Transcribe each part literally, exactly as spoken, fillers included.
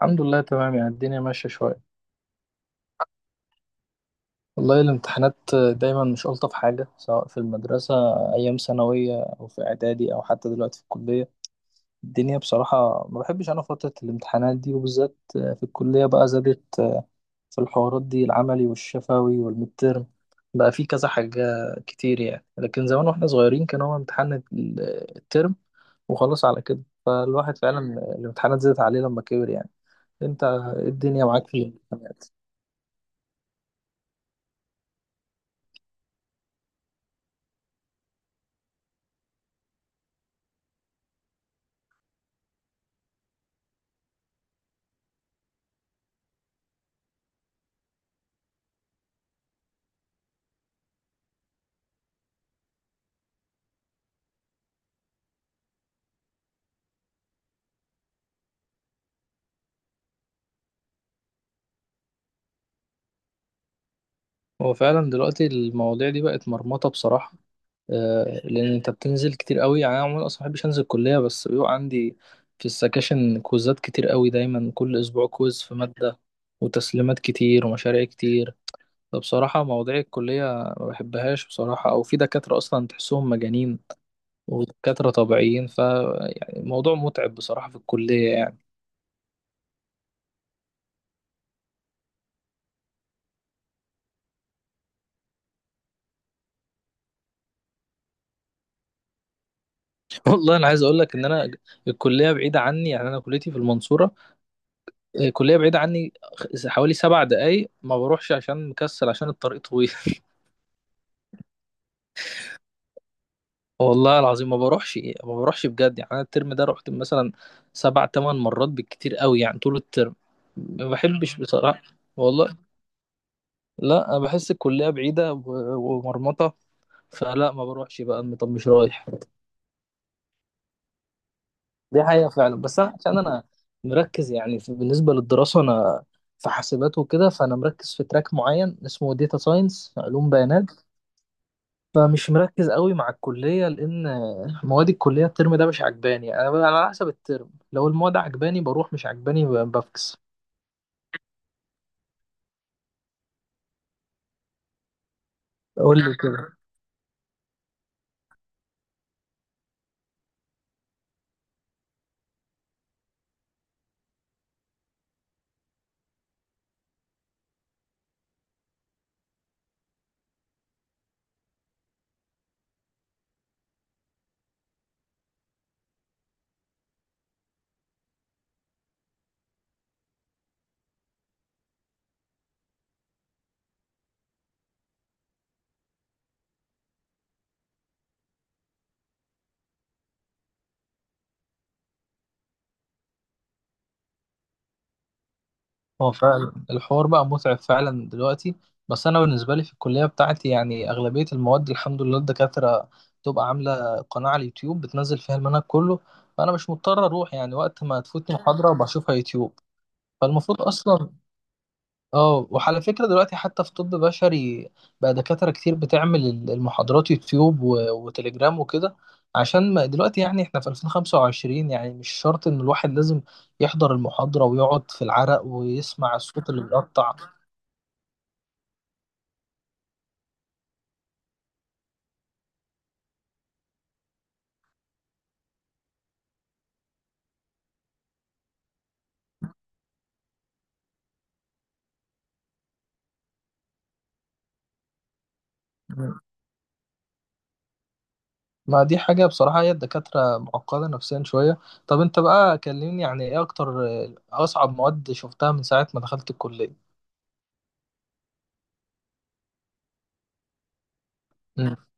الحمد لله، تمام. يعني الدنيا ماشية شوية. والله الامتحانات دايما مش ألطف حاجة، سواء في المدرسة أيام ثانوية أو في إعدادي أو حتى دلوقتي في الكلية. الدنيا بصراحة ما بحبش أنا فترة الامتحانات دي، وبالذات في الكلية بقى زادت في الحوارات دي، العملي والشفوي والمترم، بقى في كذا حاجة كتير يعني. لكن زمان واحنا صغيرين كان هو امتحان ال- الترم وخلاص، على كده فالواحد فعلا الامتحانات زادت عليه لما كبر يعني. انت إيه الدنيا معاك في الامتحانات؟ هو فعلا دلوقتي المواضيع دي بقت مرمطة بصراحة. آه، لأن أنت بتنزل كتير قوي يعني. أنا عموما أصلا مبحبش أنزل الكلية، بس بيبقى عندي في السكاشن كويزات كتير قوي، دايما كل أسبوع كويز في مادة وتسليمات كتير ومشاريع كتير. فبصراحة مواضيع الكلية ما بحبهاش بصراحة، أو في دكاترة أصلا تحسهم مجانين ودكاترة طبيعيين. ف يعني الموضوع متعب بصراحة في الكلية يعني. والله أنا عايز أقول لك إن أنا الكلية بعيدة عني يعني، أنا كليتي في المنصورة. آه، كلية بعيدة عني، خ- حوالي سبع دقايق، ما بروحش عشان مكسل، عشان الطريق طويل. والله العظيم ما بروحش، ما بروحش بجد يعني. انا الترم ده رحت مثلا سبع تمن مرات بالكتير قوي يعني طول الترم، ما بحبش بصراحة. والله لا، انا بحس الكلية بعيدة و- ومرمطة، فلا ما بروحش بقى، طب مش رايح. دي حقيقة فعلا. بس أنا عشان أنا مركز يعني في- بالنسبة للدراسة، أنا في حاسبات وكده، فأنا مركز في تراك معين اسمه داتا ساينس، علوم بيانات. فمش مركز قوي مع الكلية، لأن مواد الكلية الترم ده مش عجباني. أنا أنا على حسب الترم، لو المواد عجباني بروح، مش عجباني ب- بفكس. قول لي كده. هو فعلا الحوار بقى متعب فعلا دلوقتي، بس أنا بالنسبة لي في الكلية بتاعتي يعني أغلبية المواد الحمد لله الدكاترة بتبقى عاملة قناة على اليوتيوب بتنزل فيها المنهج كله. فأنا مش مضطر أروح يعني، وقت ما تفوتني محاضرة بشوفها يوتيوب. فالمفروض أصلا، اه وعلى فكرة دلوقتي حتى في طب بشري بقى دكاترة كتير بتعمل المحاضرات يوتيوب و- وتليجرام وكده، عشان ما دلوقتي يعني احنا في ألفين وخمسة وعشرين يعني مش شرط ان الواحد لازم يحضر المحاضرة ويقعد في العرق ويسمع الصوت اللي بيقطع. مم. ما دي حاجة بصراحة، هي الدكاترة معقدة نفسيا شوية. طب انت بقى كلمني يعني، ايه اكتر، آه، اصعب مواد شفتها من ساعة ما دخلت الكلية؟ مم.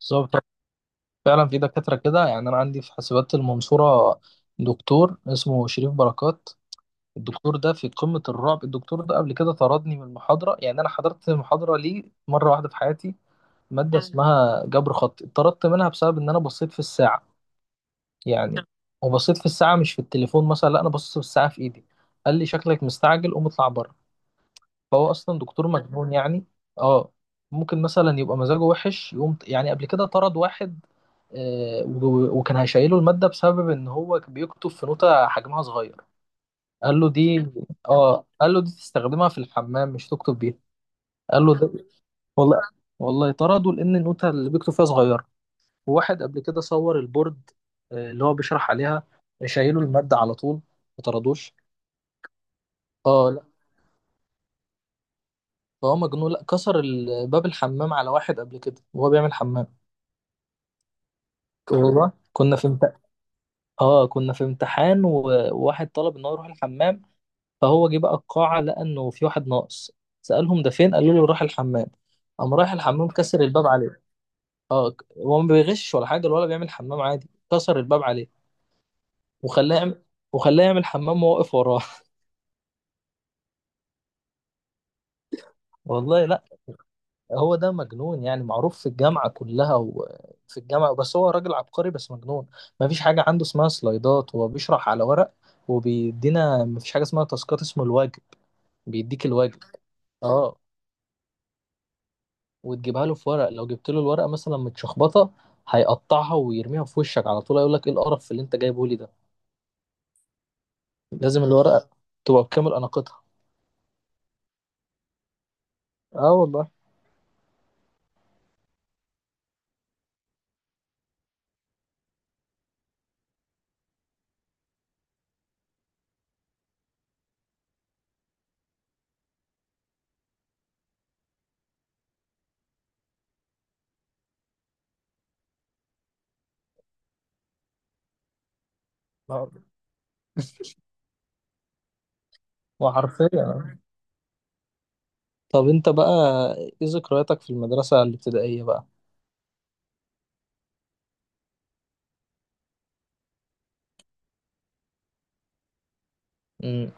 بالظبط. فعلا في دكاترة كده يعني. أنا عندي في حاسبات المنصورة دكتور اسمه شريف بركات، الدكتور ده في قمة الرعب. الدكتور ده قبل كده طردني من المحاضرة يعني، أنا حضرت محاضرة ليه مرة واحدة في حياتي، مادة اسمها جبر خطي، اتطردت منها بسبب إن أنا بصيت في الساعة يعني، وبصيت في الساعة مش في التليفون مثلا، لا أنا بصيت في الساعة في إيدي. قال لي شكلك مستعجل، قوم اطلع بره. فهو أصلا دكتور مجنون يعني، أه. ممكن مثلا يبقى مزاجه وحش، يقوم يعني قبل كده طرد واحد، آه، و- وكان هيشيله المادة بسبب إن هو كان بيكتب في نوتة حجمها صغير. قال له دي آه، قال له دي تستخدمها في الحمام مش تكتب بيها. قال له ده، والله والله طردوا لأن النوتة اللي بيكتب فيها صغيرة. وواحد قبل كده صور البورد، آه، اللي هو بيشرح عليها، شايله المادة على طول، ما طردوش. اه لا، فهو مجنون. لا، كسر ال- باب الحمام على واحد قبل كده وهو بيعمل حمام. والله كنا في امتحان، اه كنا في امتحان و- وواحد طلب ان هو يروح الحمام، فهو جه بقى القاعة لقى إنه في واحد ناقص. سألهم ده فين، قالوا له راح الحمام، قام رايح الحمام كسر الباب عليه. اه، ك- هو ما بيغش ولا حاجة ولا بيعمل حمام عادي، كسر الباب عليه. وخلاه يعمل وخلاه يعمل حمام وهو واقف وراه. والله لا. هو ده مجنون يعني، معروف في الجامعة كلها وفي الجامعة، بس هو راجل عبقري بس مجنون. مفيش حاجة عنده اسمها سلايدات، هو بيشرح على ورق، وبيدينا مفيش حاجة اسمها تاسكات، اسمه الواجب، بيديك الواجب. اه. وتجيبها له في ورق، لو جبت له الورقه مثلا متشخبطه هيقطعها ويرميها في وشك على طول، هيقول لك ايه القرف اللي انت جايبه لي ده؟ لازم الورقه تبقى بكامل اناقتها. اه والله. آه. وحرفيا آه. طب انت بقى، ايه ذكرياتك في المدرسه الابتدائيه بقى؟ امم.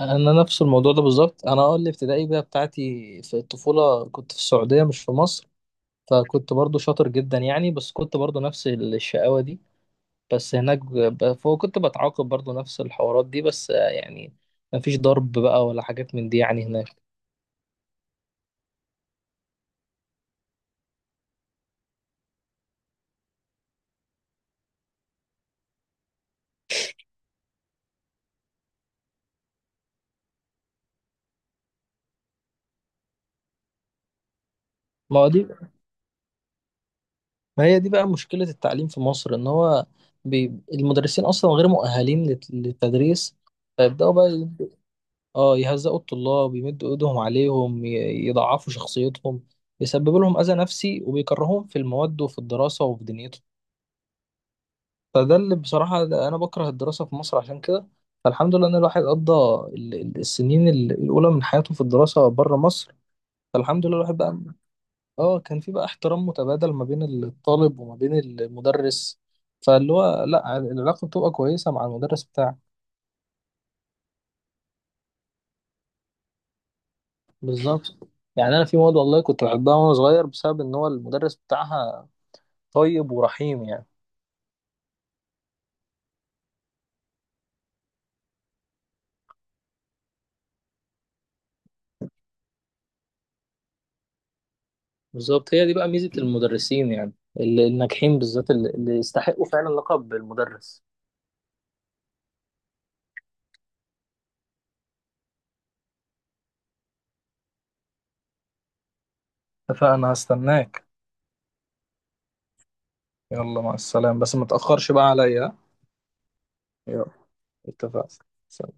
انا نفس الموضوع ده بالظبط. انا اه الابتدائي بقى بتاعتي في الطفوله كنت في السعوديه مش في مصر، فكنت برضو شاطر جدا يعني، بس كنت برضو نفس الشقاوه دي. بس هناك ب... فهو كنت بتعاقب برضو نفس الحوارات دي، بس آه، يعني مفيش ضرب بقى ولا حاجات من دي يعني هناك. ما هو دي ما هي دي بقى مشكلة التعليم في مصر، ان هو بي... المدرسين اصلا غير مؤهلين لت- للتدريس، فيبدأوا بقى ي- اه يهزقوا الطلاب، يمدوا ايدهم عليهم، ي- يضعفوا شخصيتهم، يسببوا لهم اذى نفسي وبيكرههم في المواد وفي الدراسة وفي دنيتهم. فده اللي بصراحة أنا بكره الدراسة في مصر عشان كده. فالحمد لله إن الواحد قضى ال- ال- السنين ال- الأولى من حياته في الدراسة بره مصر، فالحمد لله الواحد بقى. آه، كان في بقى احترام متبادل ما بين الطالب وما بين المدرس، فاللي هو لأ، العلاقة بتبقى كويسة مع المدرس بتاعك. بالظبط. يعني أنا في مواد والله كنت بحبها وأنا صغير بسبب إن هو المدرس بتاعها طيب ورحيم يعني. بالظبط. هي دي بقى ميزة المدرسين يعني ال- الناجحين، بالذات اللي اللي يستحقوا فعلا لقب المدرس. اتفقنا، هستناك. يلا، مع السلامة، بس ما تأخرش بقى عليا. يلا. اتفقنا.